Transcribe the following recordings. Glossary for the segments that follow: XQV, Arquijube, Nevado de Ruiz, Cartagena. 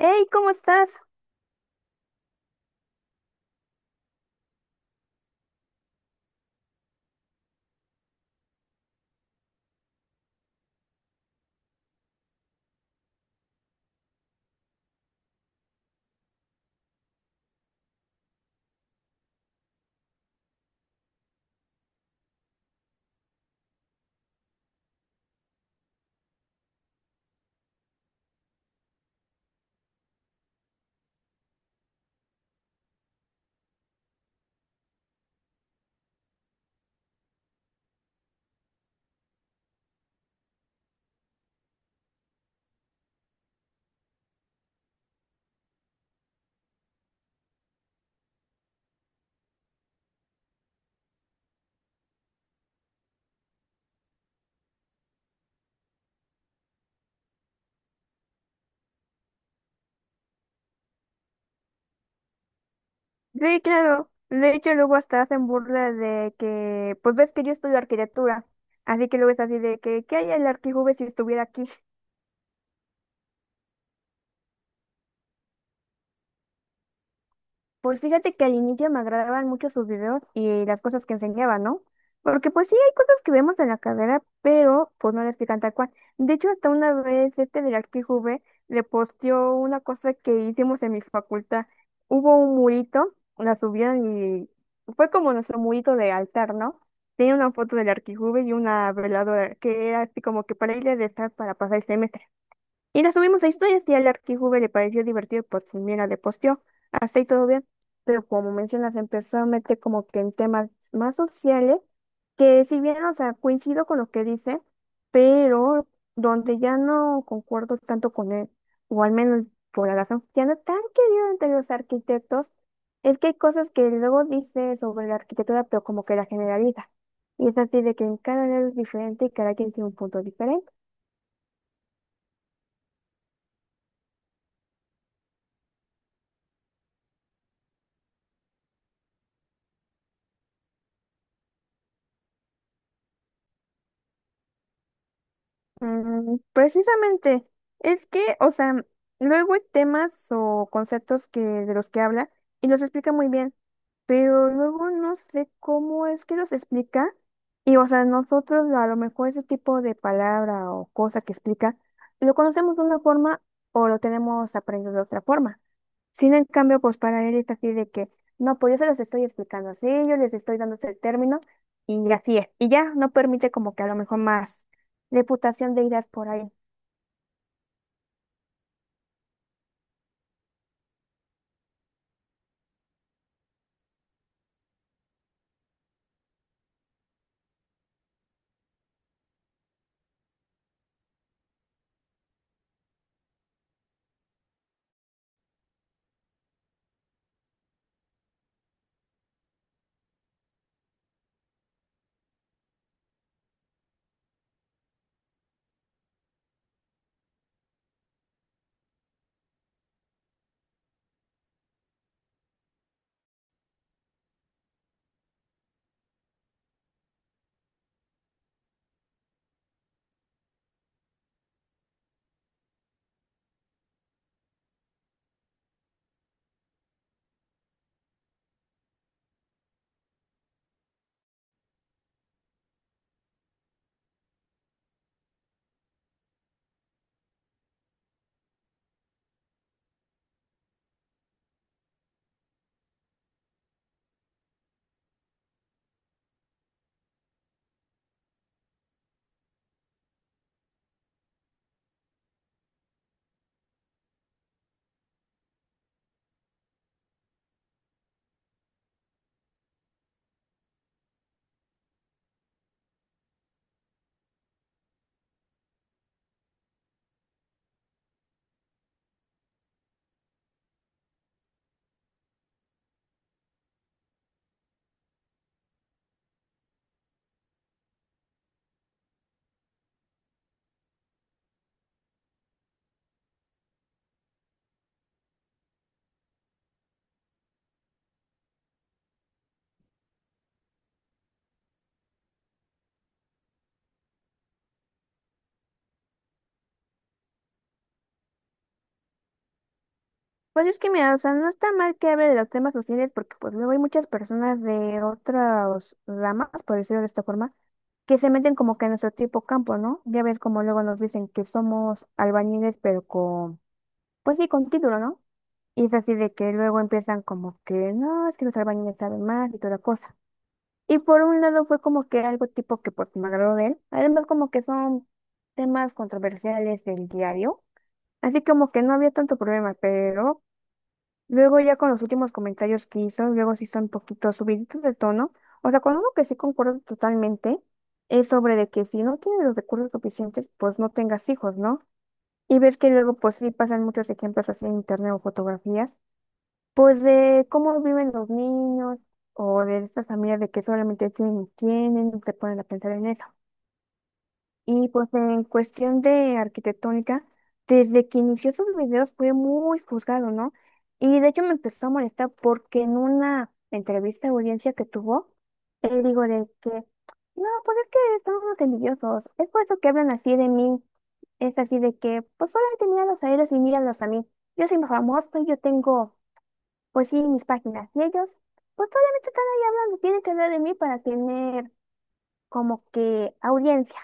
Hey, ¿cómo estás? Sí, claro. De hecho, luego hasta hacen burla de que, pues ves que yo estudio arquitectura, así que luego es así de que, ¿qué hay el arquijube si estuviera aquí? Pues fíjate que al inicio me agradaban mucho sus videos y las cosas que enseñaba, ¿no? Porque pues sí hay cosas que vemos en la carrera, pero pues no las explican tal cual. De hecho, hasta una vez este de la XQV le posteó una cosa que hicimos en mi facultad. Hubo un murito, la subieron y fue como nuestro murito de altar, ¿no? Tenía una foto del arquijuve y una veladora, que era así como que para ir a rezar para pasar el semestre. Y nos subimos a historias y al Arquijube le pareció divertido por si mira, le posteó, hasta ahí todo bien. Pero como mencionas, empezó a meter como que en temas más sociales, que si bien, o sea, coincido con lo que dice, pero donde ya no concuerdo tanto con él, o al menos por la razón que ya no es tan querido entre los arquitectos, es que hay cosas que luego dice sobre la arquitectura, pero como que la generaliza. Y es así de que en cada área es diferente y cada quien tiene un punto diferente. Mm, precisamente, es que, o sea, luego hay temas o conceptos que de los que habla y los explica muy bien, pero luego no sé cómo es que los explica y, o sea, nosotros a lo mejor ese tipo de palabra o cosa que explica lo conocemos de una forma o lo tenemos aprendido de otra forma. Sin en cambio, pues para él es así de que, no, pues yo se los estoy explicando así, yo les estoy dando ese término y así es. Y ya no permite como que a lo mejor más reputación de ideas por ahí. Pues es que mira, o sea, no está mal que hable de los temas sociales porque pues luego hay muchas personas de otras ramas, por decirlo de esta forma, que se meten como que en nuestro tipo campo, ¿no? Ya ves como luego nos dicen que somos albañiles, pero con, pues sí, con título, ¿no? Y es así de que luego empiezan como que, no, es que los albañiles saben más y toda la cosa. Y por un lado fue como que algo tipo que pues me agradó de él. Además como que son temas controversiales del diario. Así como que no había tanto problema, pero luego ya con los últimos comentarios que hizo, luego sí son un poquito subiditos de tono. O sea, con uno que sí concuerdo totalmente es sobre de que si no tienes los recursos suficientes, pues no tengas hijos, ¿no? Y ves que luego pues sí pasan muchos ejemplos así en internet o fotografías, pues de cómo viven los niños o de estas familias de que solamente tienen, y tienen, y se ponen a pensar en eso. Y pues en cuestión de arquitectónica, desde que inició sus videos fue muy juzgado, ¿no? Y de hecho me empezó a molestar porque en una entrevista de audiencia que tuvo, él dijo de que, no, pues es que estamos unos envidiosos, es por eso que hablan así de mí, es así de que, pues solamente míralos a ellos y míralos a mí, yo soy famoso y yo tengo, pues sí, mis páginas, y ellos, pues solamente están ahí hablando, tienen que hablar de mí para tener como que audiencia.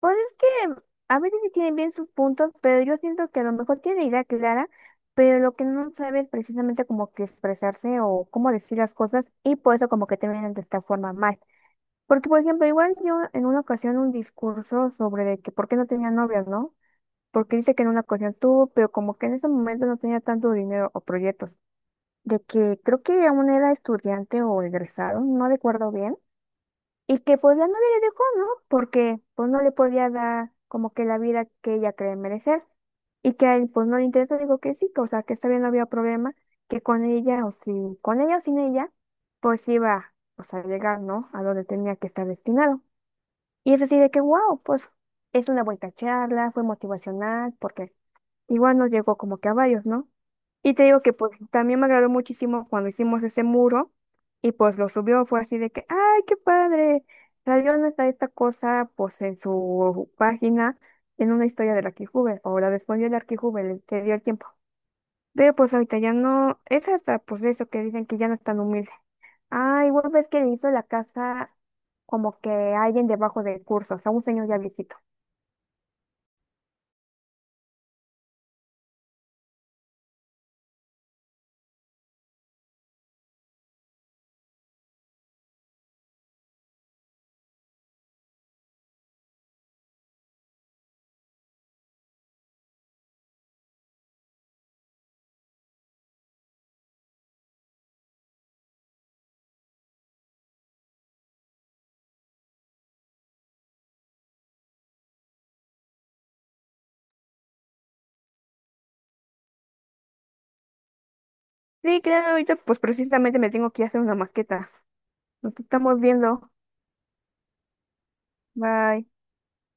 Pues es que a veces sí tienen bien sus puntos, pero yo siento que a lo mejor tiene idea clara, pero lo que no sabe es precisamente como que expresarse o cómo decir las cosas y por eso como que terminan de esta forma mal. Porque, por ejemplo, igual yo en una ocasión un discurso sobre de que por qué no tenía novias, ¿no? Porque dice que en una ocasión tuvo, pero como que en ese momento no tenía tanto dinero o proyectos. De que creo que aún era estudiante o egresado, no recuerdo bien. Y que pues la novia le dejó, ¿no? Porque pues no le podía dar como que la vida que ella cree merecer. Y que a él pues no le interesa, digo que sí, que, o sea, que está bien, no había problema, que con ella o si, con ella o sin ella, pues iba pues, a llegar, ¿no? A donde tenía que estar destinado. Y es así de que, wow, pues es una buena charla, fue motivacional, porque igual nos llegó como que a varios, ¿no? Y te digo que pues también me agradó muchísimo cuando hicimos ese muro y pues lo subió, fue así de que, ¡ay, qué padre! Salió nuestra esta cosa pues en su página, en una historia del Arquijube, o la respondió el Arquijube, se dio el tiempo. Pero pues ahorita ya no, es hasta pues eso que dicen que ya no es tan humilde. Ah, igual ves que le hizo la casa como que a alguien debajo del curso, o sea, un señor ya viejito. Sí, claro, ahorita pues precisamente me tengo que ir a hacer una maqueta. Nos estamos viendo. Bye.